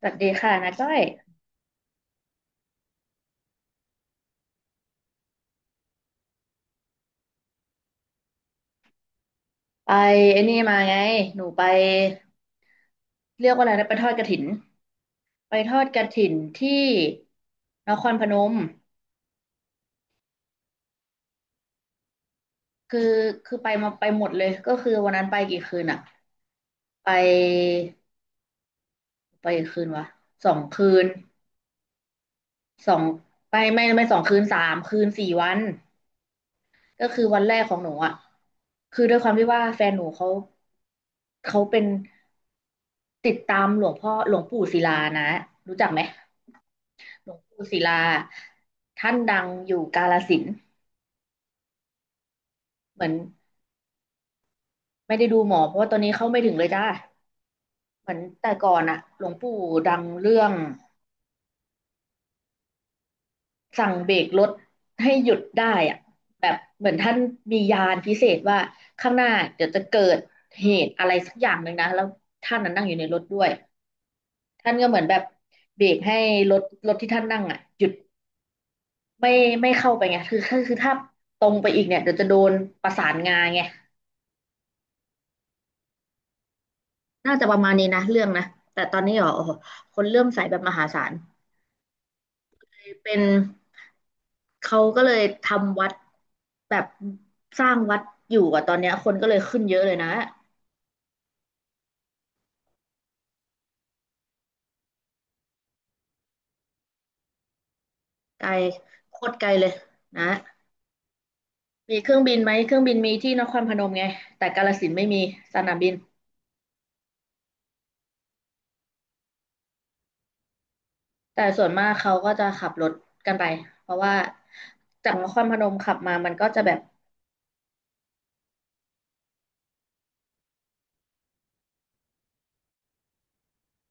สวัสดีค่ะนาก้อยไปไอ้นี่มาไงหนูไปเรียกว่าอะไรนะไปทอดกฐินไปทอดกฐินที่นครพนมคือคือไปมาไปหมดเลยก็คือวันนั้นไปกี่คืนอะไปไปกี่คืนวะสองคืนสองไปไม่สองคืนสามคืนสี่วันก็คือวันแรกของหนูอะคือด้วยความที่ว่าแฟนหนูเขาเขาเป็นติดตามหลวงพ่อหลวงปู่ศิลานะรู้จักไหม หลวงปู่ศิลาท่านดังอยู่กาฬสินธุ์เหมือนไม่ได้ดูหมอเพราะว่าตอนนี้เข้าไม่ถึงเลยจ้าเหมือนแต่ก่อนอะหลวงปู่ดังเรื่องสั่งเบรกรถให้หยุดได้อะแบบเหมือนท่านมียานพิเศษว่าข้างหน้าเดี๋ยวจะเกิดเหตุอะไรสักอย่างหนึ่งนะแล้วท่านนั้นนั่งอยู่ในรถด้วยท่านก็เหมือนแบบเบรกให้รถรถที่ท่านนั่งอะหยุดไม่ไม่เข้าไปไงคือถ้าตรงไปอีกเนี่ยเดี๋ยวจะโดนประสานงาไง น่าจะประมาณนี้นะเรื่องนะแต่ตอนนี้เหรอโอ้โหคนเริ่อมใส่แบบมหาศาลเป็นเขาก็เลยทำวัดแบบสร้างวัดอยู่อะตอนเนี้ยคนก็เลยขึ้นเยอะเลยนะไกลโคตรไกลเลยนะมีเครื่องบินไหมเครื่องบินมีที่นครพนมไงแต่กาฬสินธุ์ไม่มีสนามบินแต่ส่วนมากเขาก็จะขับรถกันไปเพราะว่าจากนครพนมขับมามันก็จะแบบ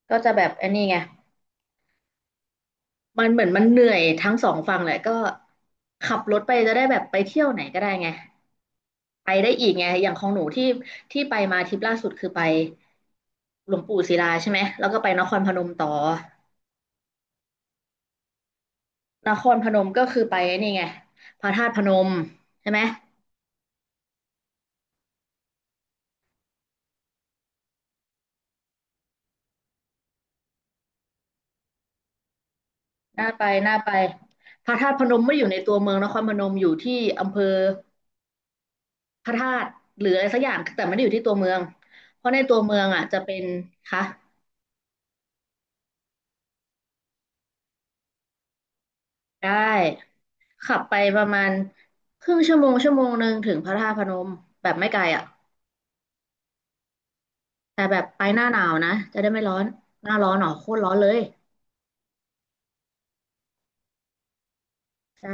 ก็จะแบบไอันนี้ไง มันเหมือนมันเหนื่อยทั้งสองฝั่งแหละก็ขับรถไปจะได้แบบไปเที่ยวไหนก็ได้ไงไปได้อีกไงอย่างของหนูที่ไปมาทริปล่าสุดคือไปหลวงปู่ศิลาใช่ไหมแล้วก็ไปนครพนมต่อนครพนมก็คือไปนี่ไงพระธาตุพนมใช่ไหมน่าไปน่าไปพระธาตุพนมไม่ได้อยู่ในตัวเมืองนครพนมอยู่ที่อำเภอพระธาตุหรืออะไรสักอย่างแต่ไม่ได้อยู่ที่ตัวเมืองเพราะในตัวเมืองอ่ะจะเป็นคะ ได้ขับไปประมาณครึ่งชั่วโมงชั่วโมงหนึ่งถึงพระธาตุพนมแบบไม่ไกลอ่ะแต่แบบไปหน้าหนาวนะจะได้ไม่ร้อนหน้าร้อนหรอโคตรร้อนเลยใช่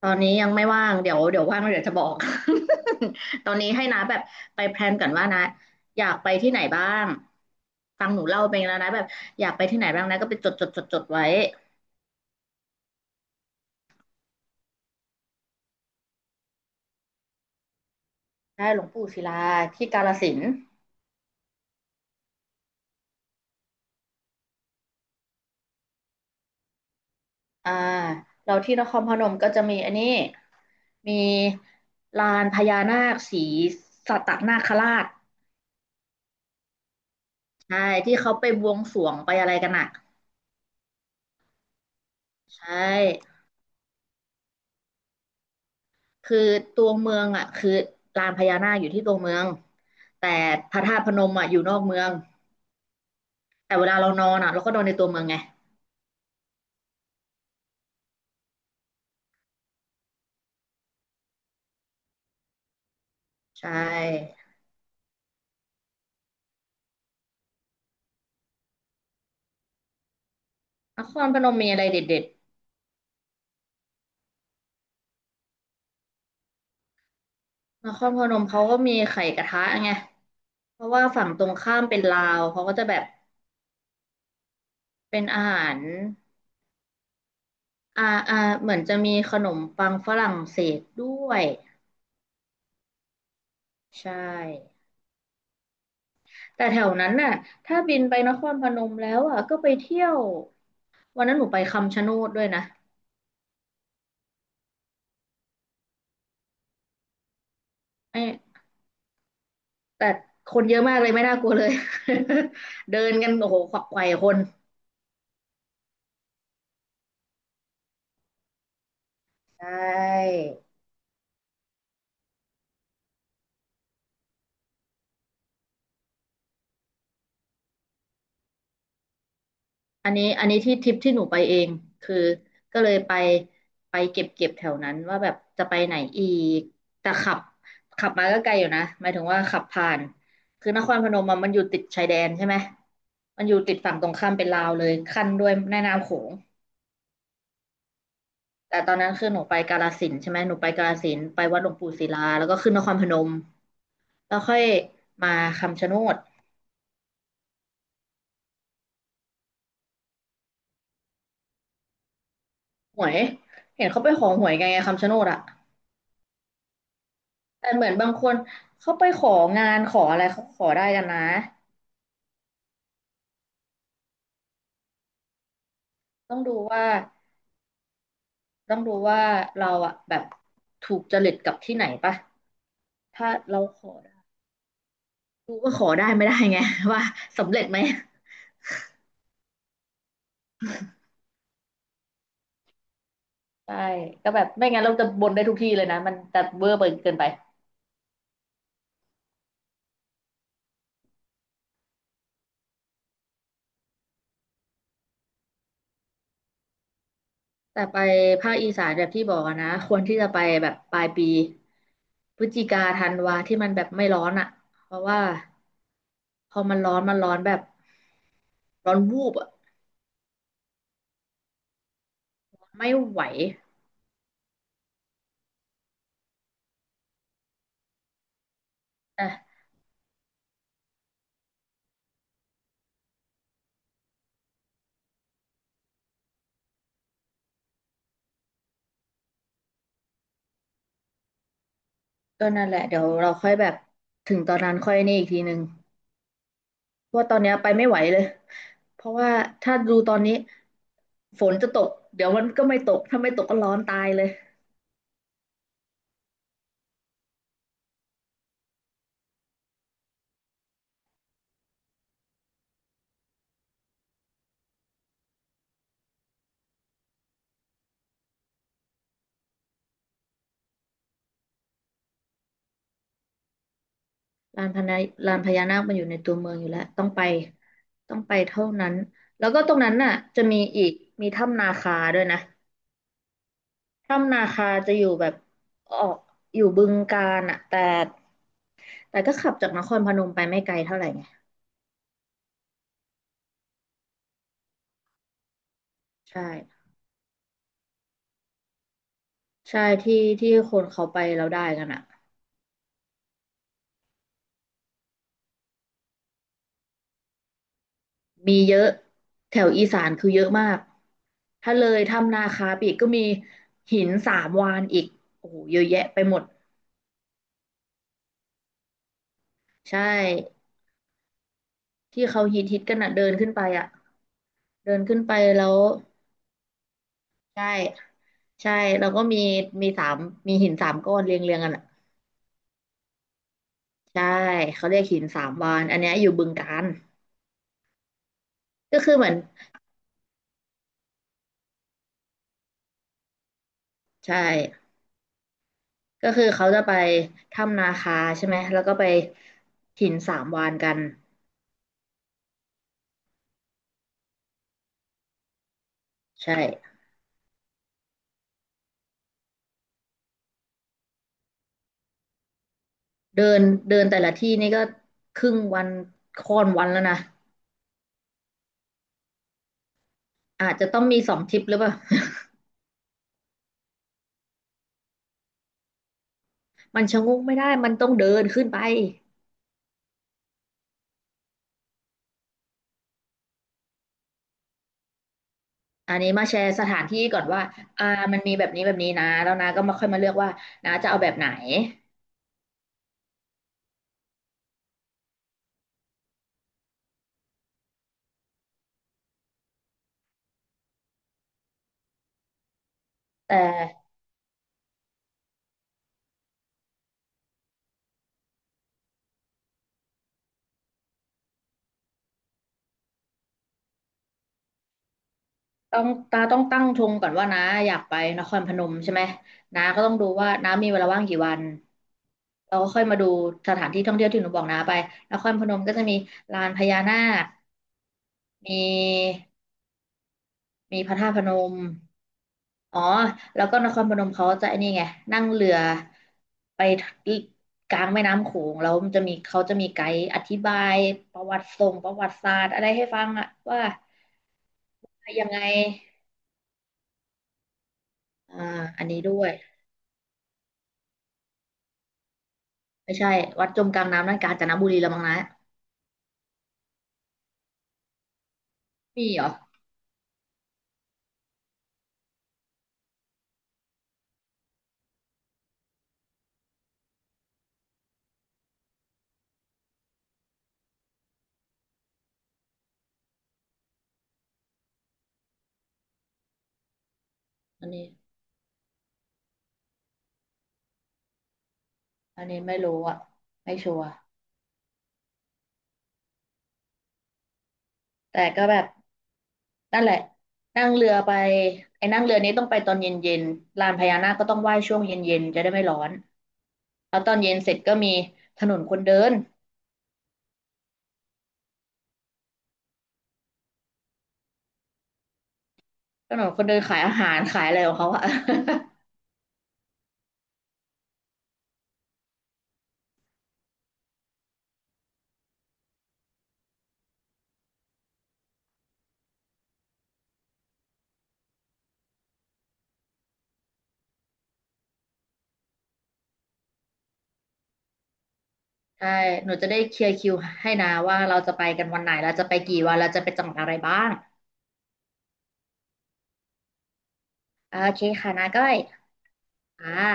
ตอนนี้ยังไม่ว่างเดี๋ยวเดี๋ยวว่างแล้วเดี๋ยวจะบอก ตอนนี้ให้นะแบบไปแพลนก่อนว่านะอยากไปที่ไหนบ้างฟังหนูเล่าไปแล้วนะแบบอยากไปที่ไหนบ้างนะก็ไปจดจดจดจดไว้ได้หลวงปู่ศิลาที่กาฬสินธุ์ อ่าเราที่นครพนมก็จะมีอันนี้มีลานพญานาคสีสัตนาคราชใช่ที่เขาไปบวงสรวงไปอะไรกันอ่ะใช่คือตัวเมืองอ่ะคือลานพญานาคอยู่ที่ตัวเมืองแต่พระธาตุพนมอ่ะอยู่นอกเมืองแต่เวลาเรานอนอ่ะเราก็นอนในตัวเมืองไงใช่นครพนมมีอะไรเด็ดๆนครพนมเขาก็มีไข่กระทะไงเพราะว่าฝั่งตรงข้ามเป็นลาวเขาก็จะแบบเป็นอาหาร อ่าอ่าเหมือนจะมีขนมปังฝรั่งเศสด้วยใช่แต่แถวนั้นน่ะถ้าบินไปนครพนมแล้วอ่ะก็ไปเที่ยววันนั้นหนูไปคำชะโนดด้วยนะไอ้แต่คนเยอะมากเลยไม่น่ากลัวเลย เดินกันโอ้โหขวักไขว่คนใช่ อันนี้ที่ทริปที่หนูไปเองคือก็เลยไปไปเก็บเก็บแถวนั้นว่าแบบจะไปไหนอีกแต่ขับมาก็ไกลอยู่นะหมายถึงว่าขับผ่านคือนครพนมอะมันอยู่ติดชายแดนใช่ไหมมันอยู่ติดฝั่งตรงข้ามเป็นลาวเลยขั้นด้วยแม่น้ำโขงแต่ตอนนั้นคือหนูไปกาฬสินธุ์ใช่ไหมหนูไปกาฬสินธุ์ไปวัดหลวงปู่ศิลาแล้วก็ขึ้นนครพนมแล้วค่อยมาคำชะโนดหวยเห็นเขาไปขอหวยกไงคำชะโนดอะ แต่เหมือนบางคนเขาไปของานขออะไรเขาขอได้กันนะต้องดูว่าต้องดูว่าเราอะแบบถูกจริตกับที่ไหนปะถ้าเราขอได้ดูว่าขอได้ไม่ได้ไง ว่าสำเร็จไหมใช่ก็แบบไม่งั้นเราจะบ่นได้ทุกที่เลยนะมันจะเวอร์ไปเกินไปแต่ไปภาคอีสานแบบที่บอกอะนะควรที่จะไปแบบปลายปีพฤศจิกาธันวาที่มันแบบไม่ร้อนอะเพราะว่าพอมันร้อนมันร้อนวูบอะไม่ไหว อ่ะก็นั่นแหละเดี๋ยวเราค่อยแบบถึงตอนนั้นค่อยนี่อีกทีหนึ่งเพราะว่าตอนเนี้ยไปไม่ไหวเลยเพราะว่าถ้าดูตอนนี้ฝนจะตกเดี๋ยวมันก็ไม่ตกถ้าไม่ตกก็ร้อนตายเลยลานพญาลานพญานาคมันอยู่ในตัวเมืองอยู่แล้วต้องไปเท่านั้นแล้วก็ตรงนั้นน่ะจะมีอีกมีถ้ำนาคาด้วยนะถ้ำนาคาจะอยู่แบบออกอยู่บึงกาฬอ่ะแต่ก็ขับจากนครพนมไปไม่ไกลเท่าไหร่ไงใช่ ใช่ที่ที่คนเขาไปแล้วได้กันอ่ะมีเยอะแถวอีสานคือเยอะมากถ้าเลยถ้ำนาคาไปอีกก็มีหินสามวานอีกโอ้โหเยอะแยะไปหมดใช่ที่เขาฮิตกันอ่ะเดินขึ้นไปอ่ะเดินขึ้นไปแล้วใช่ใช่แล้วก็มีสามมีหินสามก้อนเรียงกันอ่ะใช่เขาเรียกหินสามวานอันเนี้ยอยู่บึงกาฬก็คือเหมือนใช่ ก็คือเขาจะไปถ้ำนาคาใช่ไหมแล้วก็ไปหินสามวานกันใช่เดินเดินแต่ละที่นี่ก็ครึ่งวันค่อนวันแล้วนะอาจจะต้องมีสองทริปหรือเปล่า มันชะงกไม่ได้มันต้องเดินขึ้นไปอันนี้มาแชร์สถานที่ก่อนว่าอ่ามันมีแบบนี้นะแล้วนะก็มาค่อยมาเลือกว่านะจะเอาแบบไหนแต่ ต้องตั้งธงก่อนว่าน้าอยากไปนครพนมใช่ไหมน้าก็ต้องดูว่าน้ามีเวลาว่างกี่วันเราก็ค่อยมาดูสถานที่ท่องเที่ยวที่หนูบอกน้าไปนครพนมก็จะมีลานพญานาคมีมีพระธาตุพนมอ๋อแล้วก็นครพนมเขาจะไอ้นี่ไงนั่งเรือไปกลางแม่น้ำโขงแล้วมันจะมีเขาจะมีไกด์อธิบายประวัติศาสตร์อะไรให้ฟังอะว่ายังไงอ่าอันนี้ด้วย ไม่ใช่ วัดจมกลางน้ำนั่นกาญจนบุรีละมั้งนะมีเหรออันนี้อันนี้ไม่รู้อ่ะไม่ชัวร์แต่ก็แบบนั่นแหละนั่งเรือไปไอ้นั่งเรือนี้ต้องไปตอนเย็นๆลานพญานาคก็ต้องไหว้ช่วงเย็นๆจะได้ไม่ร้อนแล้วตอนเย็นเสร็จก็มีถนนคนเดินถนนคนเดินขายอาหารขายอะไรของเขาอะ ใช่หนูจะได้เคลียร์คิวให้นะว่าเราจะไปกันวันไหนเราจะไปกี่วันเราจะไปจังหวัดอะไรบ้างโอเคค่ะนาก้อยอ่า